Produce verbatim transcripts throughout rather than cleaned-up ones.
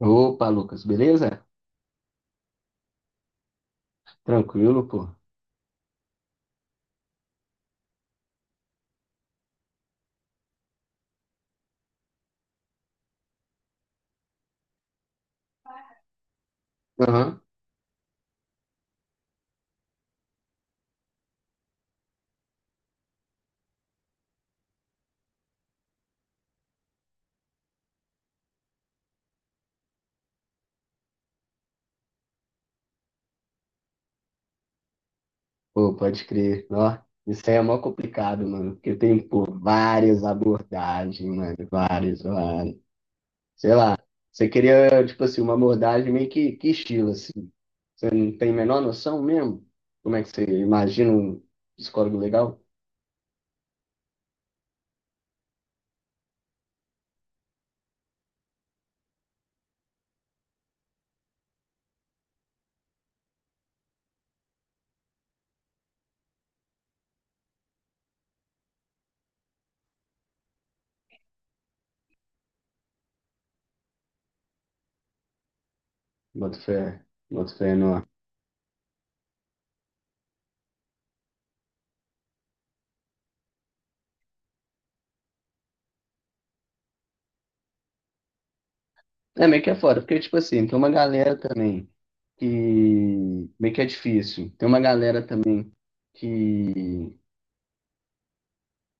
Opa, Lucas, beleza? Tranquilo, pô. Aham. Pô, pode crer. Ó, isso aí é mó complicado, mano. Porque tem, pô, várias abordagens, mano. Várias, várias. Sei lá. Você queria, tipo assim, uma abordagem meio que, que estilo, assim. Você não tem a menor noção mesmo? Como é que você imagina um psicólogo legal? Bota fé, bota fé não. É meio que é foda, porque, tipo assim, tem uma galera também que meio que é difícil. Tem uma galera também que.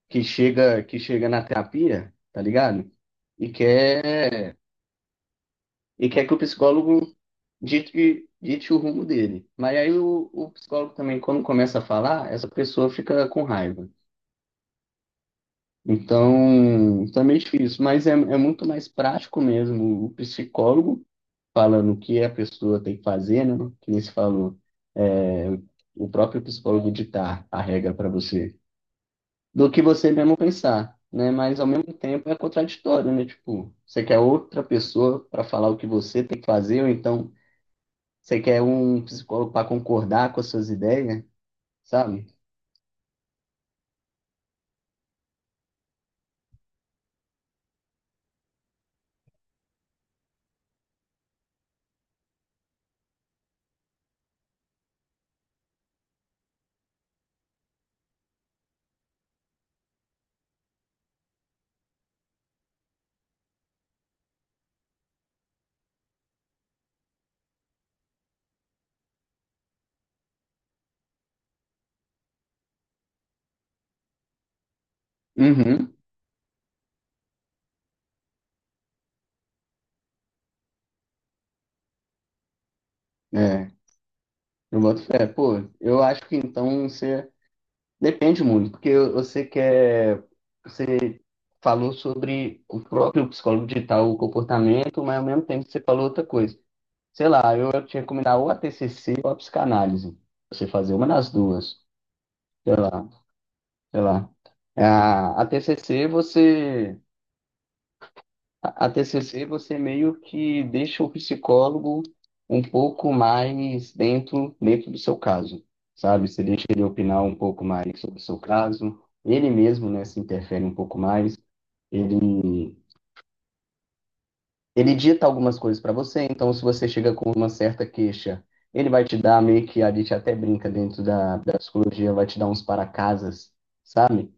que chega, que chega na terapia, tá ligado? E quer, e quer que o psicólogo dite, dite o rumo dele. Mas aí o, o psicólogo também, quando começa a falar, essa pessoa fica com raiva. Então, também é difícil, mas é, é muito mais prático mesmo o psicólogo falando o que a pessoa tem que fazer, né? Que nem se falou, é, o próprio psicólogo ditar a regra para você, do que você mesmo pensar, né? Mas ao mesmo tempo é contraditório, né? Tipo, você quer outra pessoa para falar o que você tem que fazer, ou então você quer um psicólogo para concordar com as suas ideias, sabe? Uhum, é. Eu boto fé. Pô, eu acho que então você depende muito, porque você quer você falou sobre o próprio psicólogo digital, o comportamento, mas ao mesmo tempo você falou outra coisa. Sei lá, eu ia te recomendar ou a T C C ou a psicanálise. Você fazer uma das duas. Sei lá, sei lá. A, a T C C você a, a T C C você meio que deixa o psicólogo um pouco mais dentro dentro do seu caso, sabe? Você deixa ele opinar um pouco mais sobre o seu caso, ele mesmo, né, se interfere um pouco mais. Ele ele dita algumas coisas para você, então se você chega com uma certa queixa, ele vai te dar meio que a gente até brinca dentro da, da psicologia, vai te dar uns para-casas, sabe?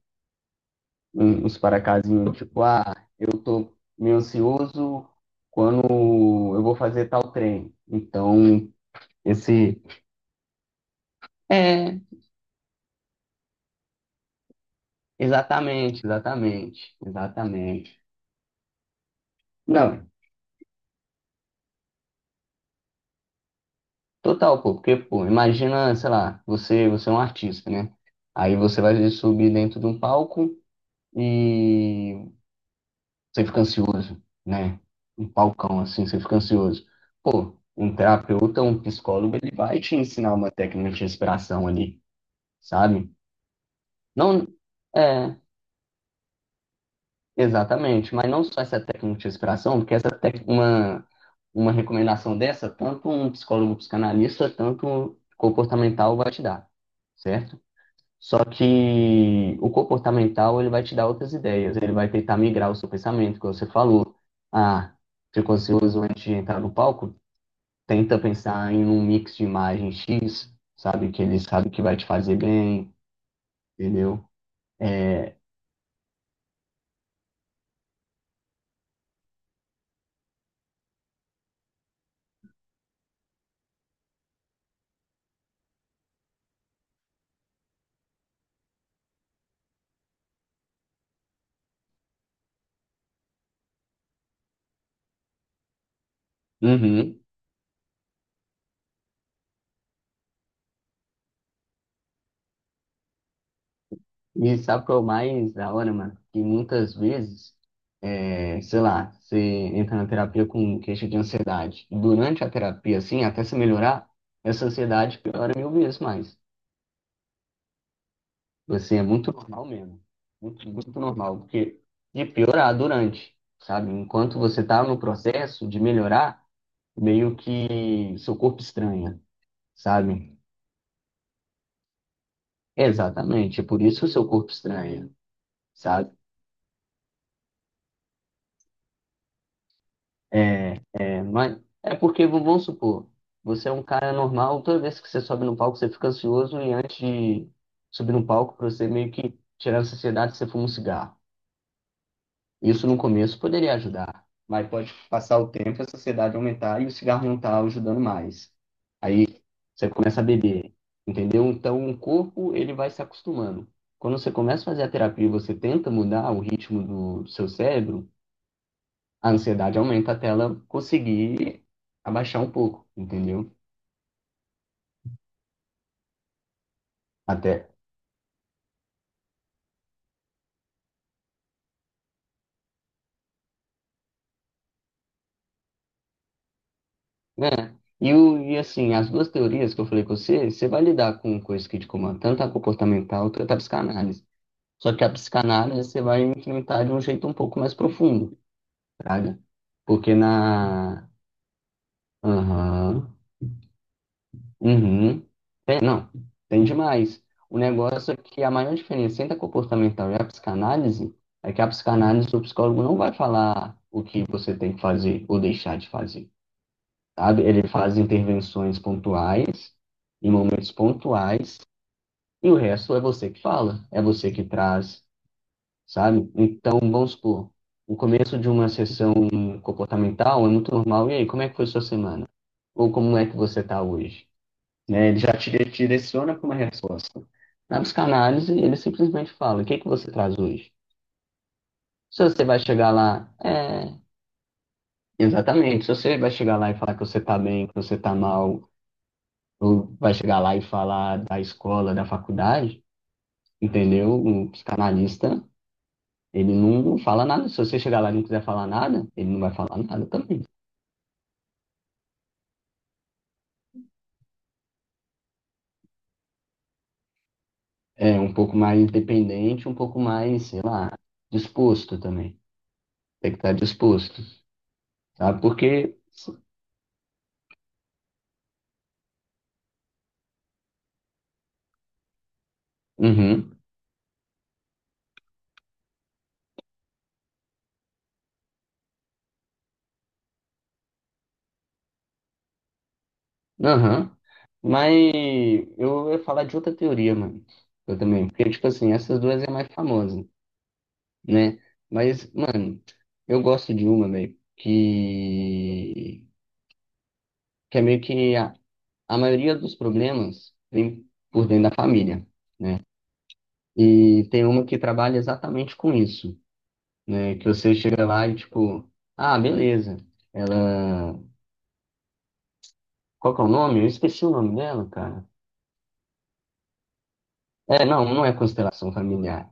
um- uns paracasinhos, tipo, ah, eu tô meio ansioso quando eu vou fazer tal treino. Então, esse. É, exatamente, exatamente, exatamente. Não, total, pô, porque, pô, imagina, sei lá, você, você é um artista, né? Aí você vai subir dentro de um palco e você fica ansioso, né? Um palcão assim, você fica ansioso. Pô, um terapeuta, um psicólogo, ele vai te ensinar uma técnica de respiração ali. Sabe? Não, é, exatamente, mas não só essa técnica de respiração, porque essa técnica, uma, uma recomendação dessa, tanto um psicólogo um psicanalista, tanto um comportamental vai te dar, certo? Só que o comportamental, ele vai te dar outras ideias, ele vai tentar migrar o seu pensamento, que você falou. Ah, ficou ansioso antes de entrar no palco? Tenta pensar em um mix de imagens X, sabe? Que ele sabe que vai te fazer bem, entendeu? Uhum. E sabe o que é o mais da hora, mano? Que muitas vezes, é, sei lá, você entra na terapia com queixa de ansiedade. E durante a terapia, assim, até se melhorar, essa ansiedade piora mil vezes mais. Assim, é muito normal mesmo. Muito, muito normal. Porque de piorar durante, sabe? Enquanto você tá no processo de melhorar, meio que seu corpo estranha, sabe? Exatamente. É por isso que o seu corpo estranha, sabe? É, é, mas é porque, vamos supor, você é um cara normal, toda vez que você sobe no palco, você fica ansioso e antes de subir no palco, pra você meio que tirar a ansiedade, você fuma um cigarro. Isso no começo poderia ajudar, mas pode passar o tempo, e a ansiedade aumentar e o cigarro não tá ajudando mais. Você começa a beber, entendeu? Então o corpo, ele vai se acostumando. Quando você começa a fazer a terapia e você tenta mudar o ritmo do seu cérebro, a ansiedade aumenta até ela conseguir abaixar um pouco, entendeu? Até, né? E, o- e assim, as duas teorias que eu falei com você, você vai lidar com coisas que te comandam, tanto a comportamental quanto a psicanálise. Só que a psicanálise você vai enfrentar de um jeito um pouco mais profundo, sabe? Porque na. Aham. Uhum. Tem- não, tem demais. O negócio é que a maior diferença entre a comportamental e a psicanálise é que a psicanálise, o psicólogo não vai falar o que você tem que fazer ou deixar de fazer, sabe? Ele faz intervenções pontuais, em momentos pontuais, e o resto é você que fala, é você que traz, sabe? Então, vamos supor, o começo de uma sessão comportamental é muito normal. E aí, como é que foi sua semana? Ou como é que você está hoje? Né? Ele já te te direciona para uma resposta. Na psicanálise, ele simplesmente fala: o que que você traz hoje? Se você vai chegar lá, é, exatamente. Se você vai chegar lá e falar que você está bem, que você está mal, ou vai chegar lá e falar da escola, da faculdade, entendeu? O psicanalista, ele não fala nada. Se você chegar lá e não quiser falar nada, ele não vai falar nada também. É um pouco mais independente, um pouco mais, sei lá, disposto também. Tem que estar disposto, sabe? Porque. Uhum. Aham. Mas eu ia falar de outra teoria, mano. Eu também. Porque, tipo assim, essas duas é a mais famosa, né? Mas, mano, eu gosto de uma, velho, que... que é meio que a, a maioria dos problemas vem por dentro da família. E tem uma que trabalha exatamente com isso, né? Que você chega lá e, tipo, ah, beleza. Ela. Qual que é o nome? Eu esqueci o nome dela, cara. É, não, não é constelação familiar.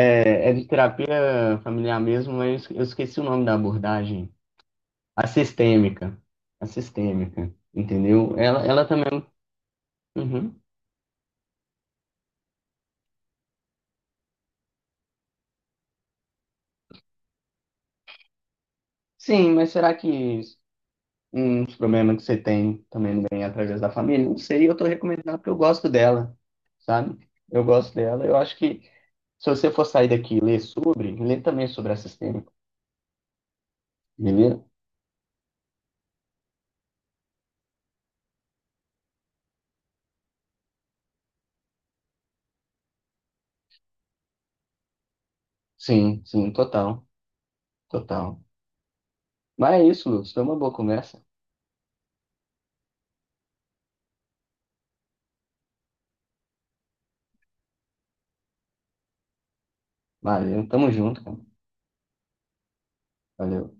É, é de terapia familiar mesmo, mas eu esqueci o nome da abordagem. A sistêmica. A sistêmica, entendeu? Ela, ela também é um... Uhum. Sim, mas será que uns problemas que você tem também não vem através da família? Não sei, eu tô recomendando porque eu gosto dela, sabe? Eu gosto dela. Eu acho que se você for sair daqui e ler sobre, lê também sobre a sistêmica, beleza? Sim, sim, total, total. Mas é isso, Lucas. Foi uma boa conversa. Valeu, tamo junto, cara. Valeu.